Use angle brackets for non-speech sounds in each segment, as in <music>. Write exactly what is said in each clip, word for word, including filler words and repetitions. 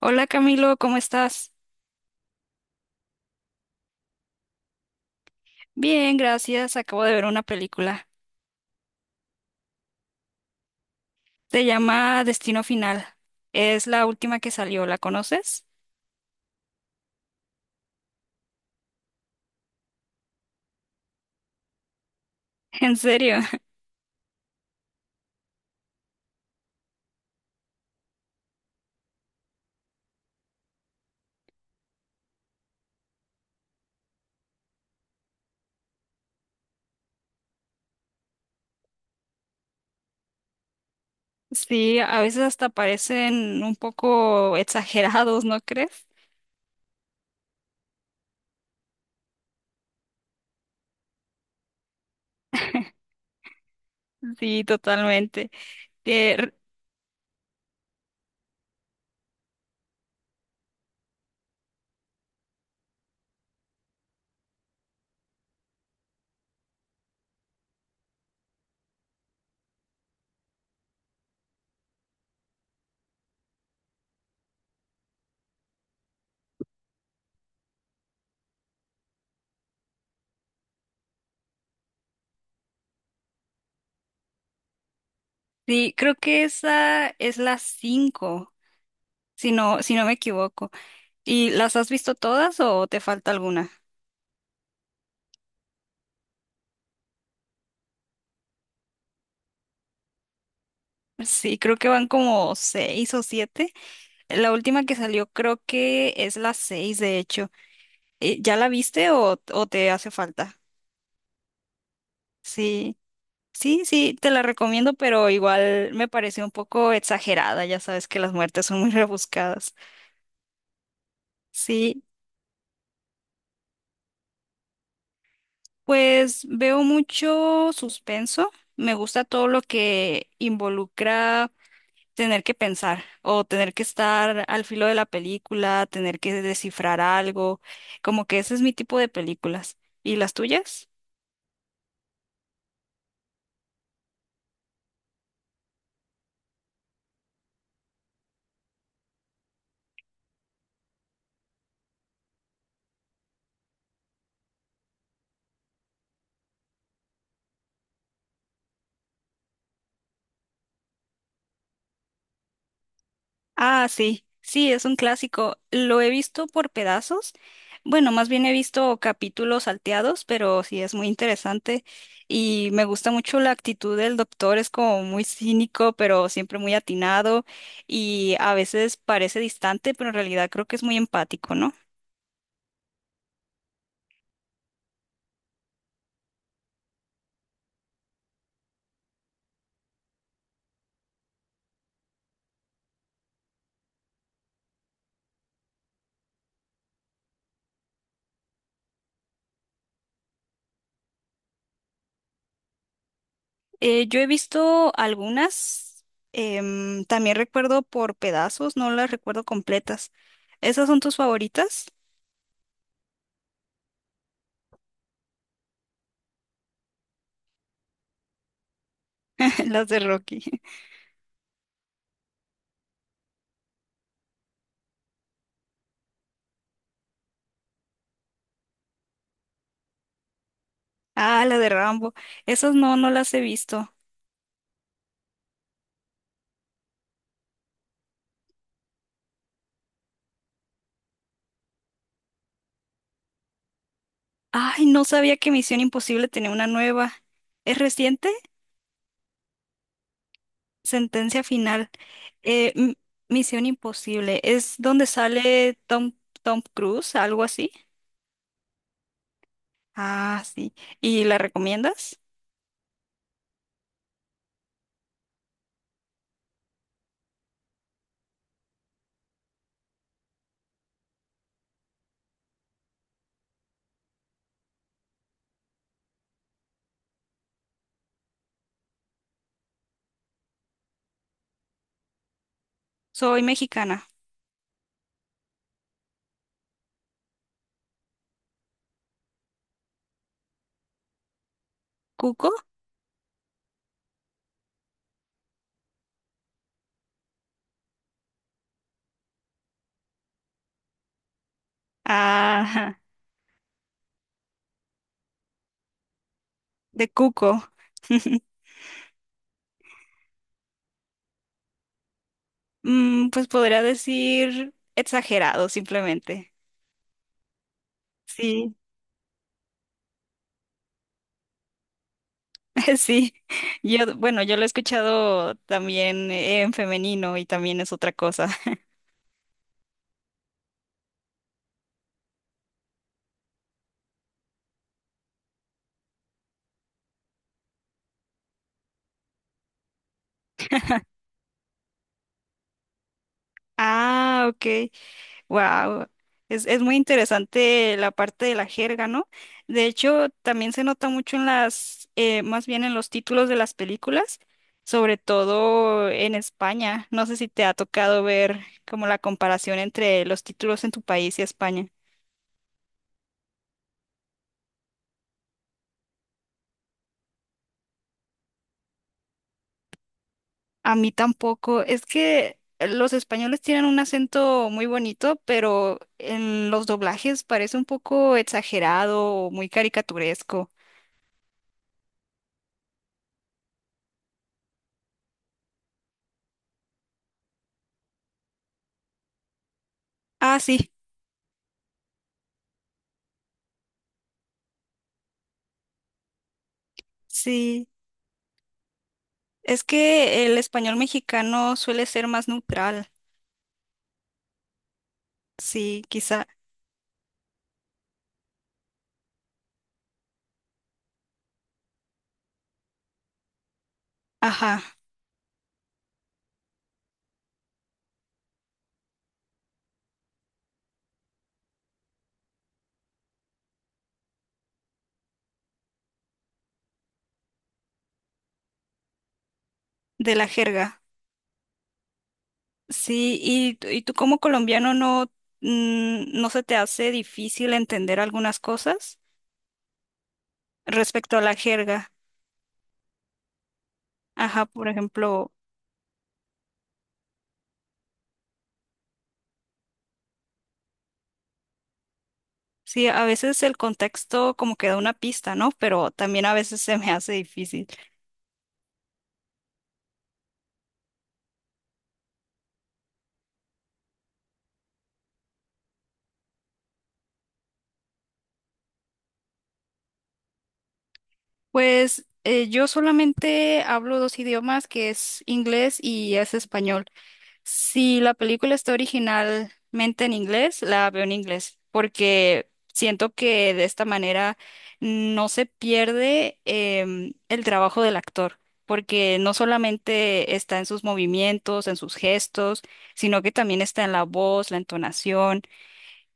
Hola Camilo, ¿cómo estás? Bien, gracias. Acabo de ver una película. Se llama Destino Final. Es la última que salió, ¿la conoces? <laughs> En serio. <laughs> Sí, a veces hasta parecen un poco exagerados, ¿no crees? Sí, totalmente. Eh, r- sí, creo que esa es la cinco, si no, si no me equivoco. ¿Y las has visto todas o te falta alguna? Sí, creo que van como seis o siete. La última que salió creo que es la seis de hecho. Eh, ¿Ya la viste o, o te hace falta? Sí, sí, sí, te la recomiendo, pero igual me pareció un poco exagerada, ya sabes que las muertes son muy rebuscadas. Sí, pues veo mucho suspenso, me gusta todo lo que involucra tener que pensar o tener que estar al filo de la película, tener que descifrar algo, como que ese es mi tipo de películas. ¿Y las tuyas? Ah, sí, sí, es un clásico. Lo he visto por pedazos. Bueno, más bien he visto capítulos salteados, pero sí es muy interesante y me gusta mucho la actitud del doctor. Es como muy cínico, pero siempre muy atinado y a veces parece distante, pero en realidad creo que es muy empático, ¿no? Eh, yo he visto algunas, em, también recuerdo por pedazos, no las recuerdo completas. ¿Esas son tus favoritas? <laughs> Las de Rocky. Ah, la de Rambo. Esas no, no las he visto. Ay, no sabía que Misión Imposible tenía una nueva. ¿Es reciente? Sentencia final. Eh, M- Misión Imposible. ¿Es donde sale Tom, Tom Cruise? Algo así. Ah, sí. ¿Y la recomiendas? Soy mexicana. ¿Cuco? Ah, de Cuco. Mm, pues podría decir exagerado, simplemente. Sí. <laughs> Sí, yo, bueno, yo lo he escuchado también en femenino y también es otra cosa. <laughs> Ah, ok, wow. Es, es muy interesante la parte de la jerga, ¿no? De hecho, también se nota mucho en las, eh, más bien en los títulos de las películas, sobre todo en España. No sé si te ha tocado ver como la comparación entre los títulos en tu país y España. A mí tampoco. Es que los españoles tienen un acento muy bonito, pero en los doblajes parece un poco exagerado o muy caricaturesco. Ah, sí, sí. Es que el español mexicano suele ser más neutral. Sí, quizá. Ajá, de la jerga. Sí, y, tú- y tú como colombiano no, mm, no se te hace difícil entender algunas cosas respecto a la jerga. Ajá, por ejemplo. Sí, a veces el contexto como que da una pista, ¿no? Pero también a veces se me hace difícil. Pues eh, yo solamente hablo dos idiomas, que es inglés y es español. Si la película está originalmente en inglés, la veo en inglés, porque siento que de esta manera no se pierde em, el trabajo del actor. Porque no solamente está en sus movimientos, en sus gestos, sino que también está en la voz, la entonación.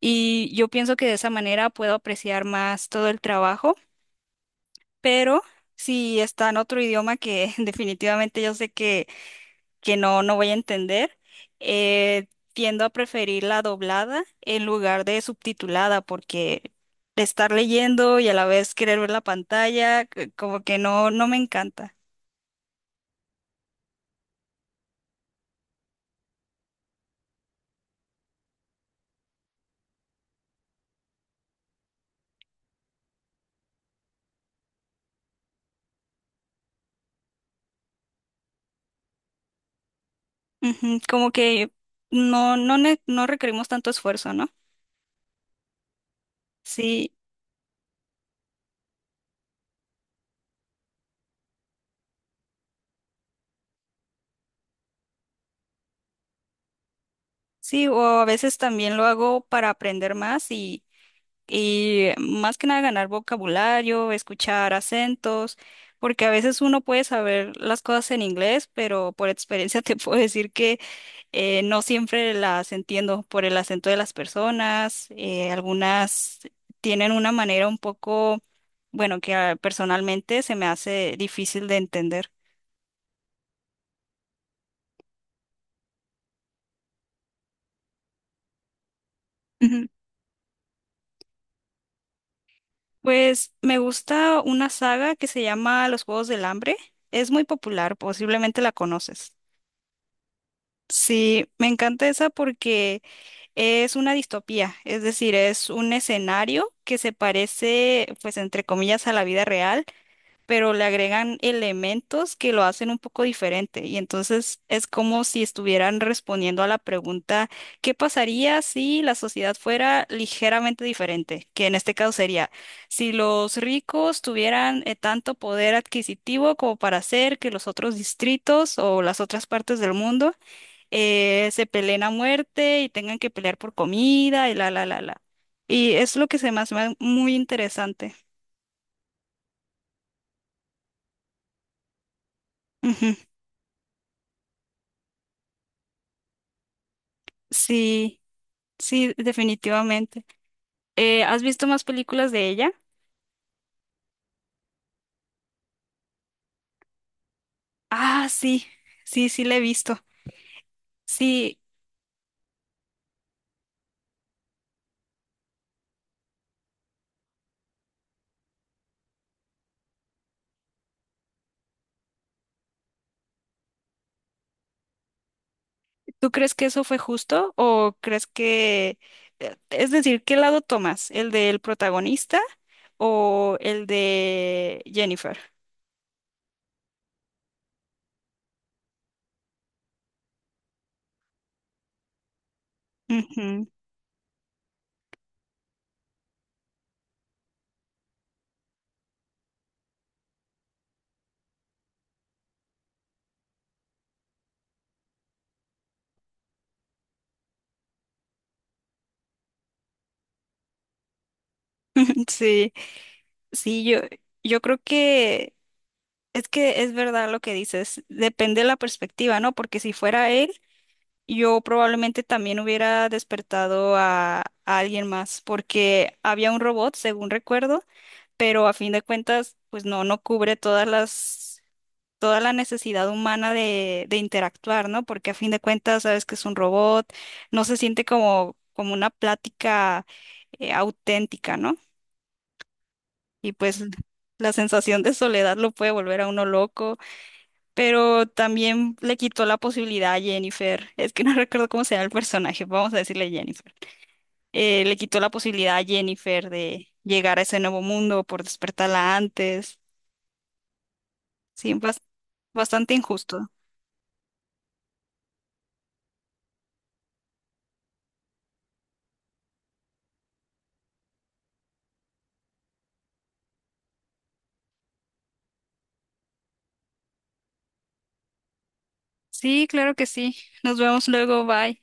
Y yo pienso que de esa manera puedo apreciar más todo el trabajo, pero si está en otro idioma que <laughs> definitivamente yo sé que, que no, no voy a entender, eh, tiendo a preferir la doblada en lugar de subtitulada, porque de estar leyendo y a la vez querer ver la pantalla, c- como que no, no me encanta. Ujú, como que no, no, ne- no requerimos tanto esfuerzo, ¿no? Sí, sí, o a veces también lo hago para aprender más y más que nada ganar vocabulario, escuchar acentos, porque a veces uno puede saber las cosas en inglés, pero por experiencia <laughs> te puedo decir que eh, no siempre las entiendo por el acento de las personas. Eh, algunas tienen una manera un poco, bueno, que ah, personalmente se me hace difícil de entender. Ujú. Pues me gusta una saga que se llama Los Juegos del Hambre. Es muy popular, posiblemente la conoces. Sí, me encanta esa porque es una distopía, es decir, es un escenario que se parece, pues, entre comillas, a la vida real, pero le agregan elementos que lo hacen un poco diferente. Y entonces es como si estuvieran respondiendo a la pregunta, ¿qué pasaría si la sociedad fuera ligeramente diferente? Que en este caso sería, si los ricos tuvieran eh, tanto poder adquisitivo como para hacer que los otros distritos o las otras partes del mundo eh, se peleen a muerte y tengan que pelear por comida y la, la, la, la. Y es lo que se me hace ma- muy interesante. <laughs> Ujú. Sí, sí, definitivamente. Eh, ¿has visto más películas de ella? Ah, sí, sí, sí, la he visto. Sí, ¿tú crees que eso fue justo o crees que, eh, es decir, ¿qué lado tomas? ¿El del protagonista o el de Jennifer? Ujú. <laughs> Sí, sí, yo, yo, creo que es que es verdad lo que dices, depende de la perspectiva, ¿no? Porque si fuera él, yo probablemente también hubiera despertado a, a alguien más, porque había un robot, según recuerdo, pero a fin de cuentas, pues no, no cubre todas las, toda la necesidad humana de, de interactuar, ¿no? Porque a fin de cuentas, sabes que es un robot, no se siente como, como una plática eh, auténtica, ¿no? Y pues la sensación de soledad lo puede volver a uno loco. Pero también le quitó la posibilidad a Jennifer. Es que no <laughs> recuerdo cómo se llama el personaje, vamos a decirle Jennifer. Eh, le quitó la posibilidad a Jennifer de llegar a ese nuevo mundo por despertarla antes. Sí, bas- bastante injusto. Sí, claro que sí. Nos vemos luego, bye.